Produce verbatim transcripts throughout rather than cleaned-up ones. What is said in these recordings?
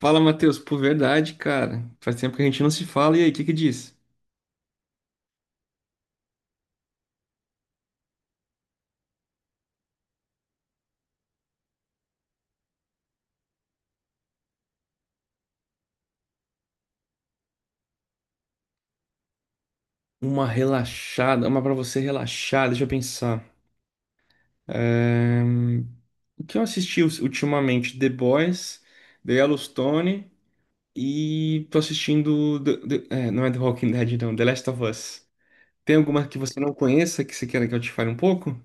Fala, Matheus. Pô, verdade, cara. Faz tempo que a gente não se fala. E aí, o que que diz? Uma relaxada, uma pra você relaxar. Deixa eu pensar. É, O que eu assisti us- ultimamente? The Boys, The Yellowstone e tô assistindo... The- The- é, não é The Walking Dead, não. The Last of Us. Tem alguma que você não conheça que você queira que eu te fale um pouco?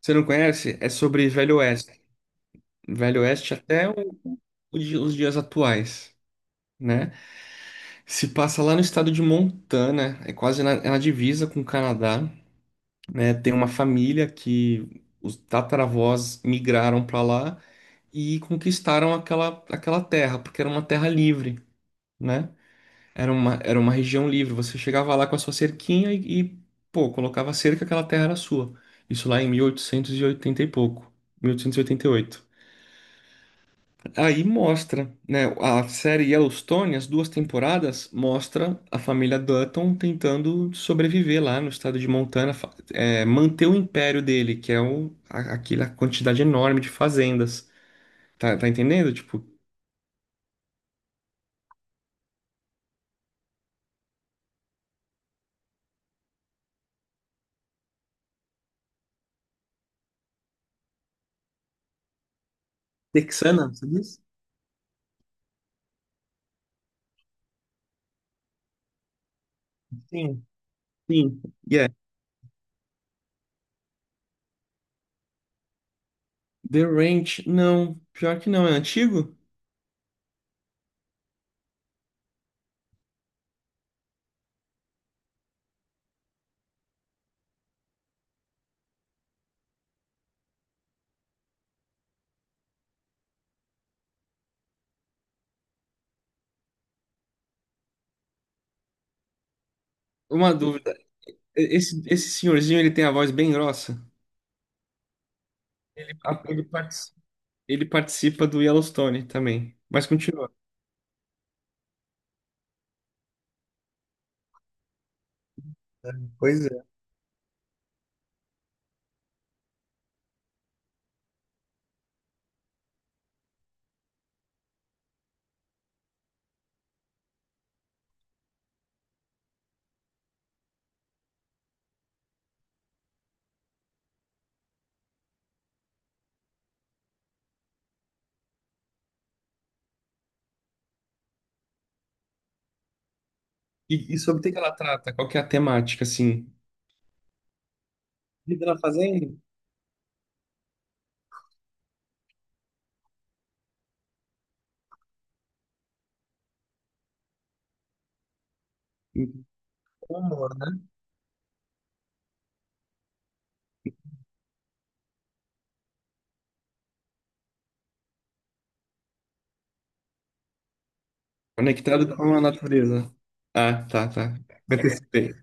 Você não conhece? É sobre Velho Oeste. Velho Oeste até o- o di- os dias atuais, né? Se passa lá no estado de Montana, é quase na, é na divisa com o Canadá, né? Tem uma família que os tataravós migraram para lá e conquistaram aquela, aquela terra, porque era uma terra livre, né? Era uma, era uma região livre. Você chegava lá com a sua cerquinha e, e, pô, colocava a cerca, aquela terra era sua. Isso lá em mil oitocentos e oitenta e pouco, mil oitocentos e e oitenta e oito. Aí mostra, né? A série Yellowstone, as duas temporadas, mostra a família Dutton tentando sobreviver lá no estado de Montana, fa- é, manter o império dele, que é o, a- aquela quantidade enorme de fazendas. Tá, tá entendendo? Tipo, texana, você diz? Sim. Sim. Yeah. The Ranch, não. Pior que não, é antigo? Uma dúvida. e- Esse, esse senhorzinho, ele tem a voz bem grossa. Ele, ele partici- ele participa do Yellowstone também. Mas continua. Pois. E, e sobre o que que ela trata? Qual que é a temática, assim? Vida na fazenda, humor, né? Conectado com a natureza. Ah, tá, tá. Me antecipei.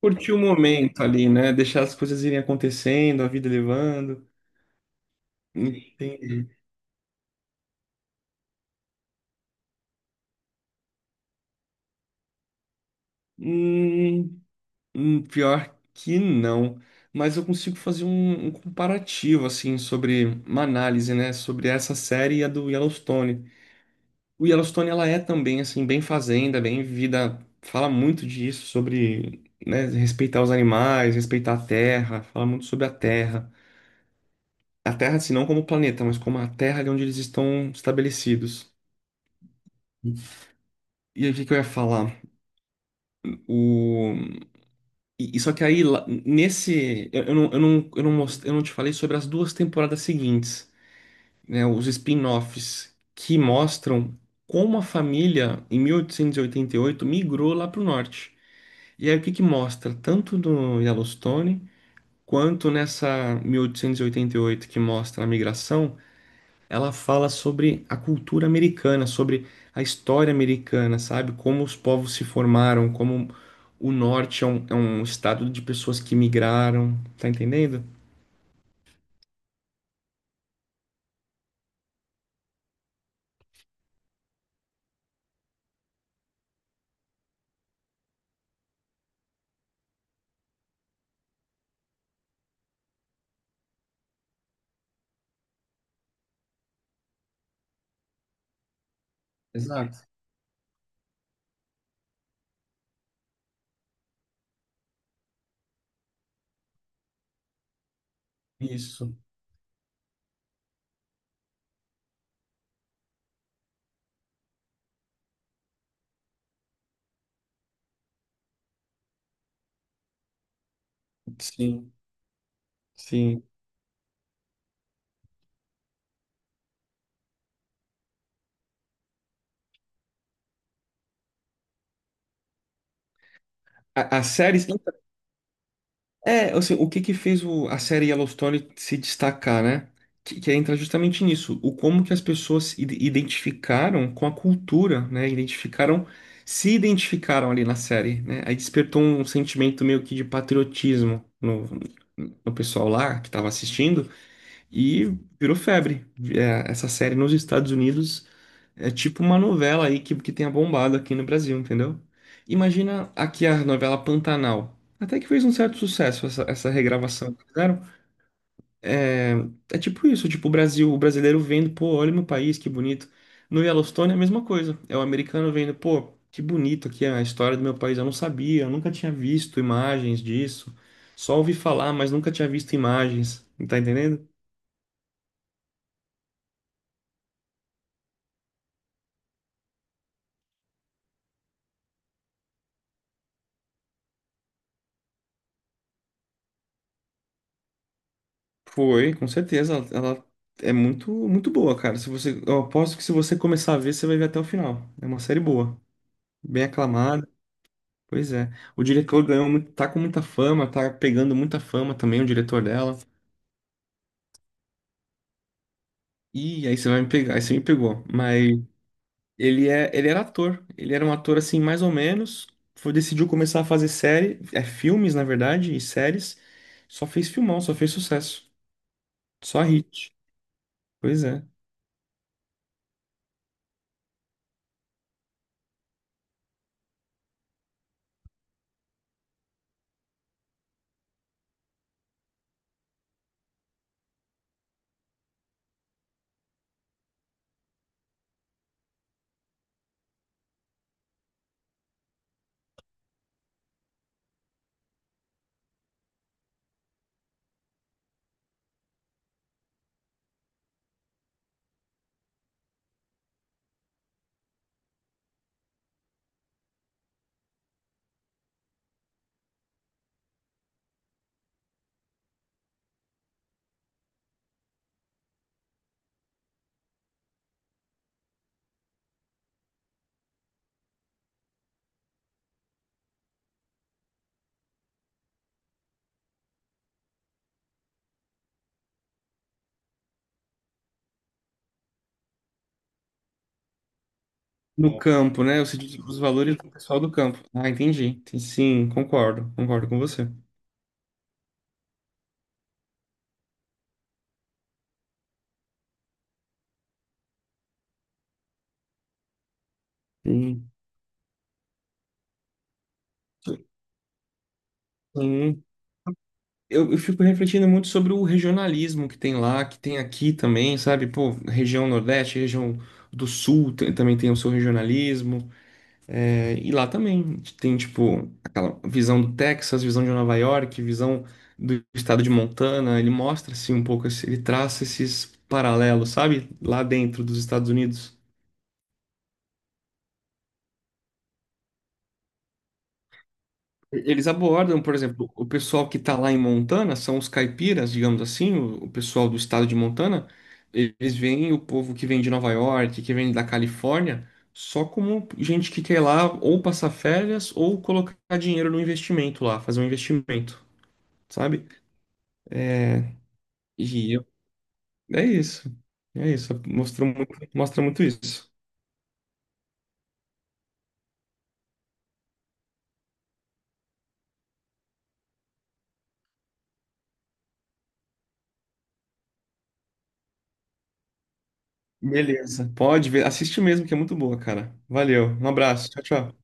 Curtir o momento ali, né? Deixar as coisas irem acontecendo, a vida levando. Entendi. Hum, hum, pior que não. Mas eu consigo fazer um, um comparativo, assim, sobre uma análise, né? Sobre essa série e a do Yellowstone. O Yellowstone, ela é também, assim, bem fazenda, bem vida. Fala muito disso, sobre, né, respeitar os animais, respeitar a terra, fala muito sobre a terra. A terra, assim, não como planeta, mas como a terra de onde eles estão estabelecidos. E aí, o que que eu ia falar? O... E, e só que aí, lá- nesse. Eu, eu não, eu, não, eu, não most- eu não te falei sobre as duas temporadas seguintes, né? Os spin-offs que mostram como a família, em mil oitocentos e oitenta e oito, migrou lá para o norte. E aí o que que mostra? Tanto no Yellowstone quanto nessa mil oitocentos e oitenta e oito que mostra a migração, ela fala sobre a cultura americana, sobre a história americana, sabe? Como os povos se formaram, como o norte é um, é um estado de pessoas que migraram, tá entendendo? Exato. Isso, sim, sim. A- As séries. É, assim, o que que fez o- a série Yellowstone se destacar, né? Que, que entra justamente nisso, o como que as pessoas se ide- identificaram com a cultura, né? Identificaram, se identificaram ali na série, né? Aí despertou um sentimento meio que de patriotismo no, no pessoal lá que estava assistindo e virou febre. É, essa série nos Estados Unidos é tipo uma novela aí que, que tenha bombado aqui no Brasil, entendeu? Imagina aqui a novela Pantanal. Até que fez um certo sucesso essa, essa regravação que fizeram. É, é tipo isso, tipo o Brasil, o brasileiro vendo, pô, olha meu país, que bonito. No Yellowstone é a mesma coisa. É o americano vendo, pô, que bonito aqui a história do meu país. Eu não sabia, eu nunca tinha visto imagens disso. Só ouvi falar, mas nunca tinha visto imagens. Tá entendendo? Foi, com certeza. Ela, ela é muito, muito boa, cara. Se você, eu aposto que se você começar a ver, você vai ver até o final. É uma série boa, bem aclamada. Pois é. O diretor ganhou muito, tá com muita fama, tá pegando muita fama também, o diretor dela. E aí você vai me pegar, aí você me pegou. Mas ele é, ele era ator. Ele era um ator assim, mais ou menos. Foi, decidiu começar a fazer série, é filmes, na verdade, e séries. Só fez filmão, só fez sucesso. Só hit. Pois é. No campo, né? Você diz os valores do pessoal do campo. Ah, entendi. Sim, concordo. Concordo com você. Sim. Sim. Eu, eu fico refletindo muito sobre o regionalismo que tem lá, que tem aqui também, sabe? Pô, região Nordeste, região do Sul tem- também tem o seu regionalismo. É, e lá também tem, tipo, aquela visão do Texas, visão de Nova York, visão do estado de Montana. Ele mostra, assim, um pouco, esse- ele traça esses paralelos, sabe? Lá dentro dos Estados Unidos. Eles abordam, por exemplo, o pessoal que está lá em Montana, são os caipiras, digamos assim, o, o pessoal do estado de Montana, eles veem o povo que vem de Nova York, que vem da Califórnia, só como gente que quer lá ou passar férias ou colocar dinheiro no investimento lá, fazer um investimento, sabe? E eu- é isso, é isso, mostrou muito, mostra muito isso. Beleza, pode ver, assiste mesmo que é muito boa, cara. Valeu, um abraço, tchau, tchau.